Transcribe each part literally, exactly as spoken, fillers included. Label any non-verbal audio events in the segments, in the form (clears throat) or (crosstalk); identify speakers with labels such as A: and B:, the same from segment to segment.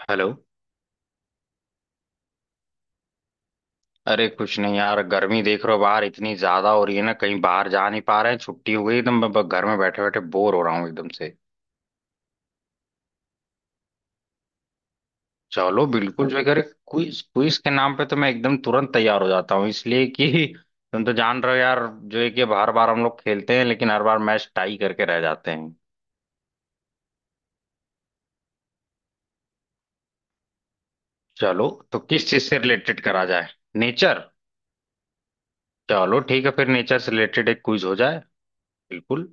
A: Hello. अरे कुछ नहीं यार, गर्मी देख रहे हो बाहर, इतनी ज्यादा हो रही है ना, कहीं बाहर जा नहीं पा रहे हैं। छुट्टी हो गई एकदम। मैं ब- घर में बैठे बैठे बोर हो रहा हूँ एकदम से। चलो बिल्कुल, जो अगर क्विज क्विज के नाम पे तो मैं एकदम तुरंत तैयार हो जाता हूँ, इसलिए कि (laughs) तुम तो जान रहे हो यार, जो है कि हर बार हम लोग खेलते हैं लेकिन हर बार मैच टाई करके रह जाते हैं। चलो, तो किस चीज से रिलेटेड करा जाए? नेचर। चलो ठीक है, फिर नेचर से रिलेटेड एक क्विज हो जाए। बिल्कुल।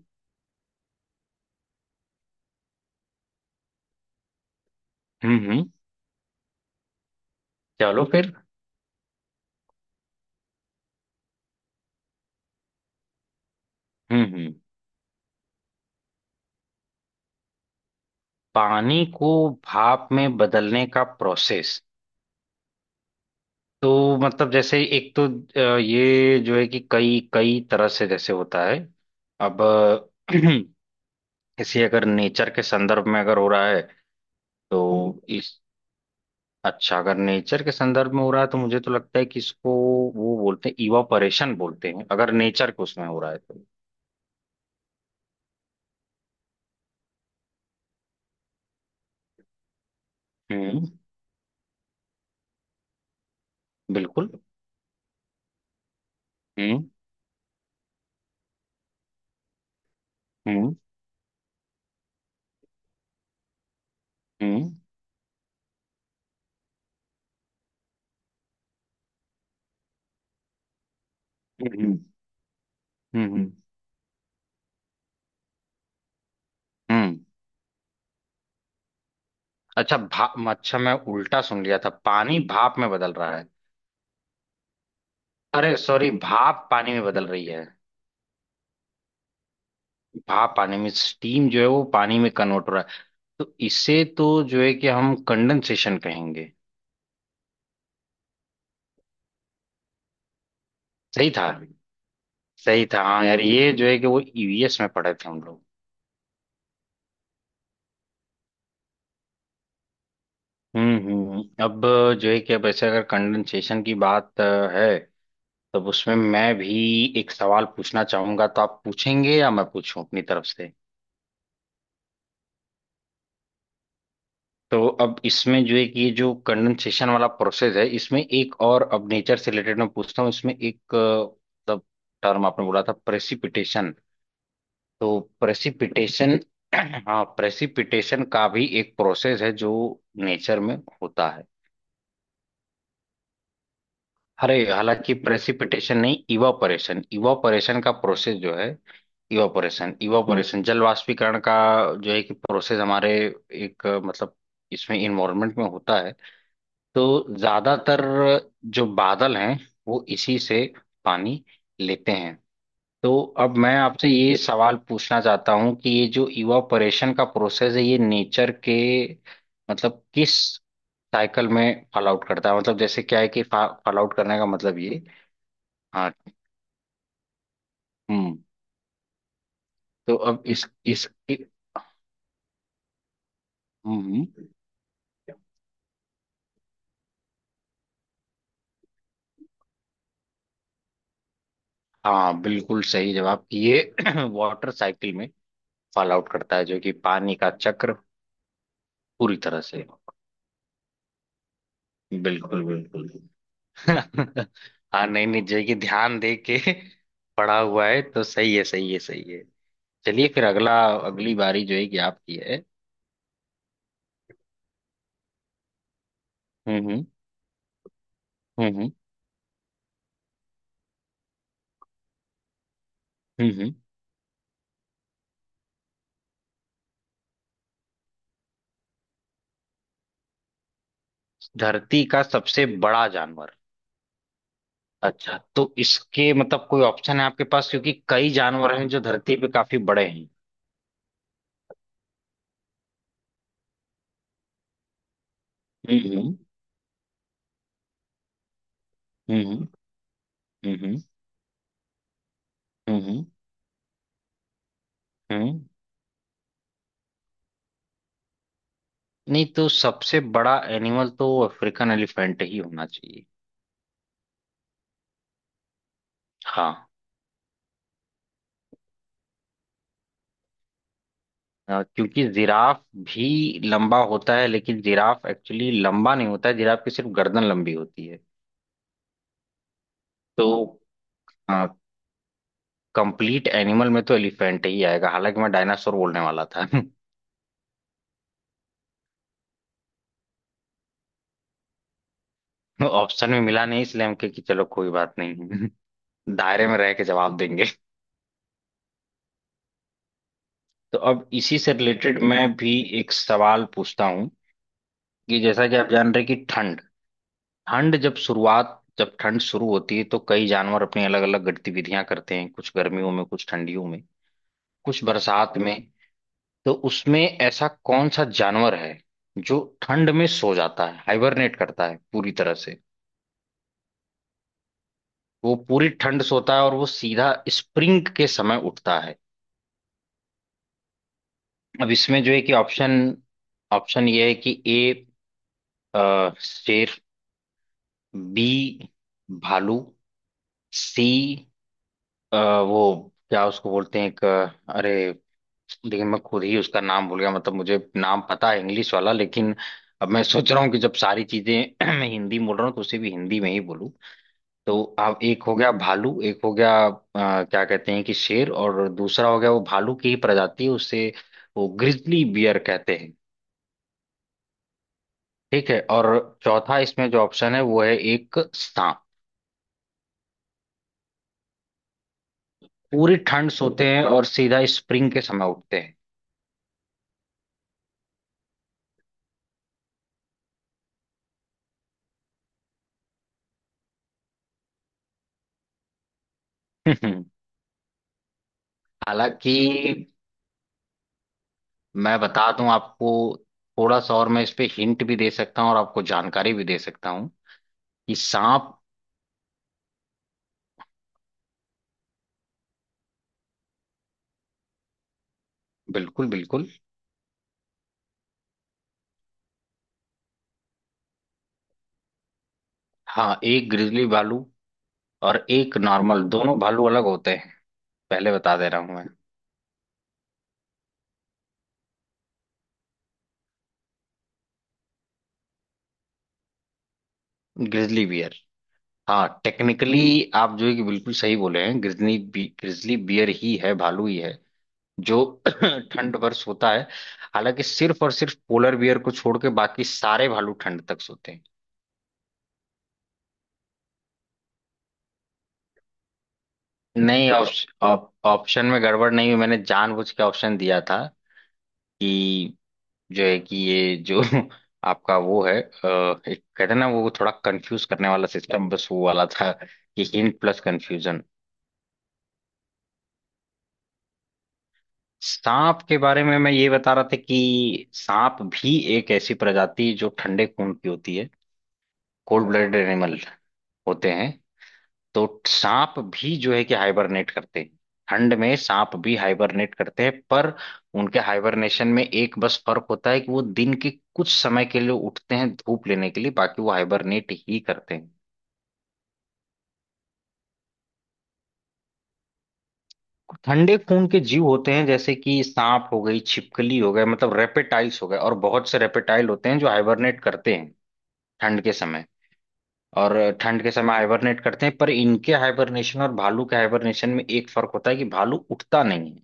A: हम्म हम्म। चलो फिर। हम्म हम्म। पानी को भाप में बदलने का प्रोसेस? तो मतलब जैसे एक तो अ, ये जो है कि कई कई तरह से जैसे होता है। अब अ, (clears throat) किसी अगर नेचर के संदर्भ में अगर हो रहा है तो इस। अच्छा, अगर नेचर के संदर्भ में हो रहा है, तो मुझे तो लगता है कि इसको वो बोलते हैं इवापोरेशन बोलते हैं, अगर नेचर को उसमें हो रहा है तो। हम्म। बिल्कुल। हम्म। हम्म। हम्म। हम्म। हम्म। हम्म। हम्म। अच्छा भाप, अच्छा मैं उल्टा सुन लिया था पानी भाप में बदल रहा है। अरे सॉरी, भाप पानी में बदल रही है। भाप पानी में, स्टीम जो है वो पानी में कन्वर्ट हो रहा है, तो इसे तो जो है कि हम कंडेंसेशन कहेंगे। सही था। सही था, हाँ यार, ये जो है कि वो ईवीएस में पढ़े थे हम लोग। हम्म हम्म हम्म। अब जो है कि अब ऐसे अगर कंडेंसेशन की बात अ, है, तब उसमें मैं भी एक सवाल पूछना चाहूंगा, तो आप पूछेंगे या मैं पूछूं अपनी तरफ से? तो अब इसमें जो है कि ये जो कंडेंसेशन वाला प्रोसेस है, इसमें एक और अब नेचर से रिलेटेड मैं पूछता हूँ, इसमें एक अ, मतलब टर्म आपने बोला था प्रेसिपिटेशन। तो प्रेसिपिटेशन (clears throat) हाँ, प्रेसिपिटेशन का भी एक प्रोसेस है जो नेचर में होता है। अरे हालांकि प्रेसिपिटेशन नहीं, इवापोरेशन इवापोरेशन का प्रोसेस जो है, इवापोरेशन इवापोरेशन जल वाष्पीकरण का जो है कि प्रोसेस हमारे एक अ, मतलब इसमें इन्वायरमेंट में होता है। तो ज्यादातर जो बादल हैं वो इसी से पानी लेते हैं। तो अब मैं आपसे ये सवाल पूछना चाहता हूं कि ये जो इवापोरेशन का प्रोसेस है, ये नेचर के मतलब किस साइकिल में फॉल आउट करता है? मतलब जैसे क्या है कि फॉल आउट करने का मतलब ये। हाँ। हम्म। तो अब इस इस हम्म। हाँ बिल्कुल सही जवाब, ये (clears throat) वाटर साइकिल में फॉल आउट करता है, जो कि पानी का चक्र पूरी तरह से। बिल्कुल बिल्कुल। हाँ, नहीं नहीं, जो है कि ध्यान दे के पढ़ा हुआ है तो सही है, सही है, सही है। चलिए फिर अगला, अगली बारी जो है कि आपकी है। हम्म हम्म। हम्म हम्म। हम्म। हम्म। धरती का सबसे बड़ा जानवर? अच्छा, तो इसके मतलब कोई ऑप्शन है आपके पास? क्योंकि कई जानवर हैं जो धरती पे काफी बड़े हैं। हम्म। हम्म हम्म। हम्म। हम्म हम्म। हम्म। हम्म। नहीं, तो सबसे बड़ा एनिमल तो अफ्रीकन एलिफेंट ही होना चाहिए। हाँ। अ, क्योंकि जिराफ भी लंबा होता है लेकिन जिराफ एक्चुअली लंबा नहीं होता है, जिराफ की सिर्फ गर्दन लंबी होती है। तो कंप्लीट एनिमल में तो एलिफेंट ही आएगा, हालांकि मैं डायनासोर बोलने वाला था (laughs) ऑप्शन में मिला नहीं इसलिए हम कहे कि चलो कोई बात नहीं (laughs) दायरे में रह के जवाब देंगे। तो अब इसी से रिलेटेड मैं भी एक सवाल पूछता हूँ कि जैसा कि आप जान रहे हैं कि ठंड ठंड जब शुरुआत जब ठंड शुरू होती है तो कई जानवर अपनी अलग अलग गतिविधियां करते हैं, कुछ गर्मियों में कुछ ठंडियों में कुछ बरसात में। तो उसमें ऐसा कौन सा जानवर है जो ठंड में सो जाता है, हाइबरनेट करता है पूरी तरह से? वो पूरी ठंड सोता है और वो सीधा स्प्रिंग के समय उठता है। अब इसमें जो है कि ऑप्शन ऑप्शन ये है कि ए शेर, बी भालू, सी अ, वो क्या उसको बोलते हैं एक अ, अरे देखिए मैं खुद ही उसका नाम भूल गया, मतलब मुझे नाम पता है इंग्लिश वाला, लेकिन अब मैं सोच रहा हूँ कि जब सारी चीजें (clears throat) मैं हिंदी में बोल रहा हूँ तो उसे भी हिंदी में ही बोलूँ। तो आप एक हो गया भालू, एक हो गया अ, क्या कहते हैं कि शेर, और दूसरा हो गया वो भालू की ही प्रजाति है उसे वो ग्रिजली बियर कहते हैं। ठीक है, और चौथा इसमें जो ऑप्शन है वो है एक सांप। पूरी ठंड सोते हैं और सीधा स्प्रिंग के समय उठते हैं (laughs) हालांकि मैं बता दूं आपको, थोड़ा सा और मैं इस पे हिंट भी दे सकता हूँ और आपको जानकारी भी दे सकता हूँ कि सांप। बिल्कुल बिल्कुल। हाँ एक ग्रिजली भालू और एक नॉर्मल, दोनों भालू अलग होते हैं, पहले बता दे रहा हूँ मैं। Grizzly bear. हाँ टेक्निकली आप जो है कि बिल्कुल सही बोले हैं, ग्रिजली बी, ग्रिजली बियर ही है, भालू ही है जो (clears throat) ठंड पर सोता है। हालांकि सिर्फ और सिर्फ पोलर बियर को छोड़ के बाकी सारे भालू ठंड तक सोते हैं। नहीं, ऑप्शन ऑप्शन में गड़बड़ नहीं हुई, मैंने जानबूझ के ऑप्शन दिया था कि जो है कि ये जो (laughs) आपका वो है अ, एक कहते हैं ना वो थोड़ा कंफ्यूज करने वाला सिस्टम, बस वो वाला था कि हिंट प्लस कंफ्यूजन। सांप के बारे में मैं ये बता रहा था कि सांप भी एक ऐसी प्रजाति जो ठंडे खून की होती है, कोल्ड ब्लडेड एनिमल होते हैं। तो सांप भी जो है कि हाइबरनेट करते हैं, ठंड में सांप भी हाइबरनेट करते हैं, पर उनके हाइबरनेशन में एक बस फर्क होता है कि वो दिन के कुछ समय के लिए उठते हैं धूप लेने के लिए, बाकी वो हाइबरनेट ही करते हैं। ठंडे खून के जीव होते हैं जैसे कि सांप हो गई, छिपकली हो गए, मतलब रेपेटाइल्स हो गए, और बहुत से रेपेटाइल होते हैं जो हाइबरनेट करते हैं ठंड के समय। और ठंड के समय हाइबरनेट करते हैं पर इनके हाइबरनेशन और भालू के हाइबरनेशन में एक फर्क होता है कि भालू उठता नहीं है।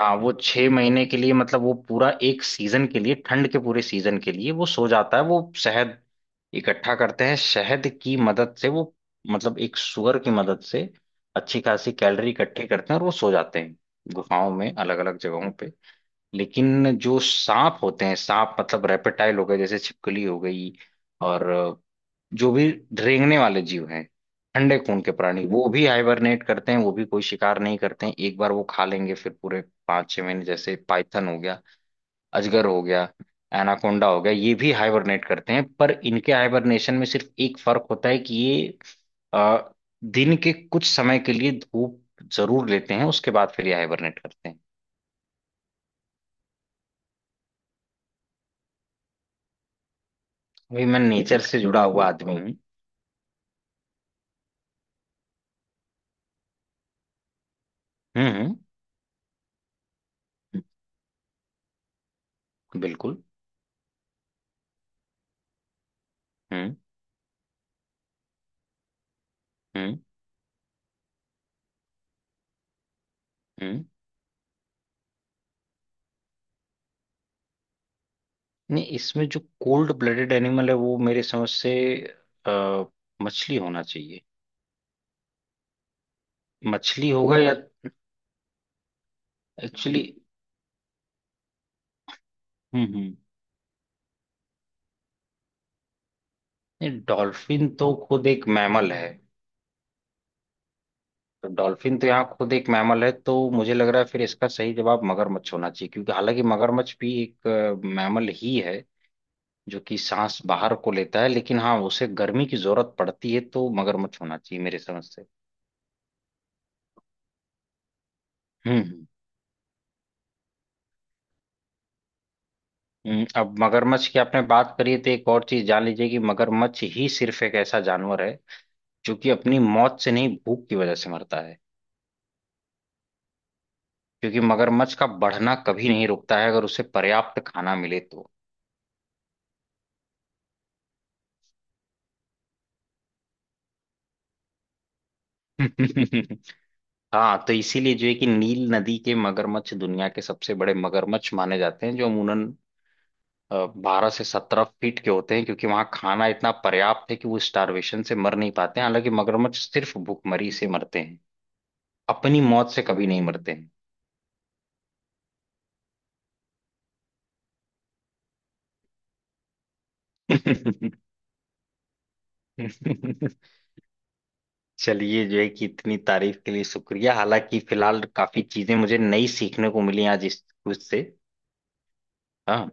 A: हाँ वो छह महीने के लिए, मतलब वो पूरा एक सीजन के लिए, ठंड के पूरे सीजन के लिए वो सो जाता है, वो शहद इकट्ठा करते हैं, शहद की मदद से वो, मतलब एक सुअर की मदद से अच्छी खासी कैलोरी इकट्ठी करते हैं और वो सो जाते हैं गुफाओं में अलग अलग जगहों पे। लेकिन जो सांप होते हैं, सांप मतलब रेपेटाइल हो गए जैसे छिपकली हो गई, और जो भी रेंगने वाले जीव हैं, ठंडे खून के प्राणी, वो भी हाइबरनेट करते हैं, वो भी कोई शिकार नहीं करते हैं, एक बार वो खा लेंगे फिर पूरे पाँच छह महीने। जैसे पाइथन हो गया, अजगर हो गया, एनाकोंडा हो गया, ये भी हाइबरनेट करते हैं, पर इनके हाइबरनेशन में सिर्फ एक फर्क होता है कि ये अ, दिन के कुछ समय के लिए धूप जरूर लेते हैं, उसके बाद फिर ये हाइबरनेट करते हैं। अभी मैं नेचर से जुड़ा हुआ आदमी हूँ। हम्म हम्म, बिल्कुल। हम्म। हम्म। हम्म। नहीं, इसमें जो कोल्ड ब्लडेड एनिमल है वो मेरे समझ से अ, मछली होना चाहिए। मछली होगा या एक्चुअली। हम्म हम्म। नहीं डॉल्फिन तो खुद एक मैमल है, तो डॉल्फिन तो यहाँ खुद एक मैमल है, तो मुझे लग रहा है फिर इसका सही जवाब मगरमच्छ होना चाहिए, क्योंकि हालांकि मगरमच्छ भी एक अ, मैमल ही है जो कि सांस बाहर को लेता है, लेकिन हाँ उसे गर्मी की जरूरत पड़ती है, तो मगरमच्छ होना चाहिए मेरे समझ से। हम्म हम्म। हम्म, अब मगरमच्छ की आपने बात करी है, तो एक और चीज जान लीजिए कि मगरमच्छ ही सिर्फ एक ऐसा जानवर है जो कि अपनी मौत से नहीं भूख की वजह से मरता है, क्योंकि मगरमच्छ का बढ़ना कभी नहीं रुकता है अगर उसे पर्याप्त खाना मिले तो (laughs) हाँ, तो इसीलिए जो है कि नील नदी के मगरमच्छ दुनिया के सबसे बड़े मगरमच्छ माने जाते हैं, जो अमूमन अ, बारह से सत्रह फीट के होते हैं, क्योंकि वहाँ खाना इतना पर्याप्त है कि वो स्टारवेशन से मर नहीं पाते हैं, हालांकि मगरमच्छ सिर्फ भूखमरी से मरते हैं, अपनी मौत से कभी नहीं मरते। चलिए, जो है कि इतनी तारीफ के लिए शुक्रिया, हालांकि फिलहाल काफी चीजें मुझे नई सीखने को मिली आज इस कुछ से। हाँ।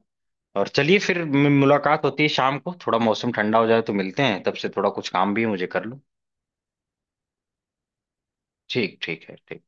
A: और चलिए फिर मु- मुलाकात होती है शाम को, थोड़ा मौसम ठंडा हो जाए तो मिलते हैं तब से, थोड़ा कुछ काम भी है मुझे कर लूँ। ठीक ठीक है ठीक।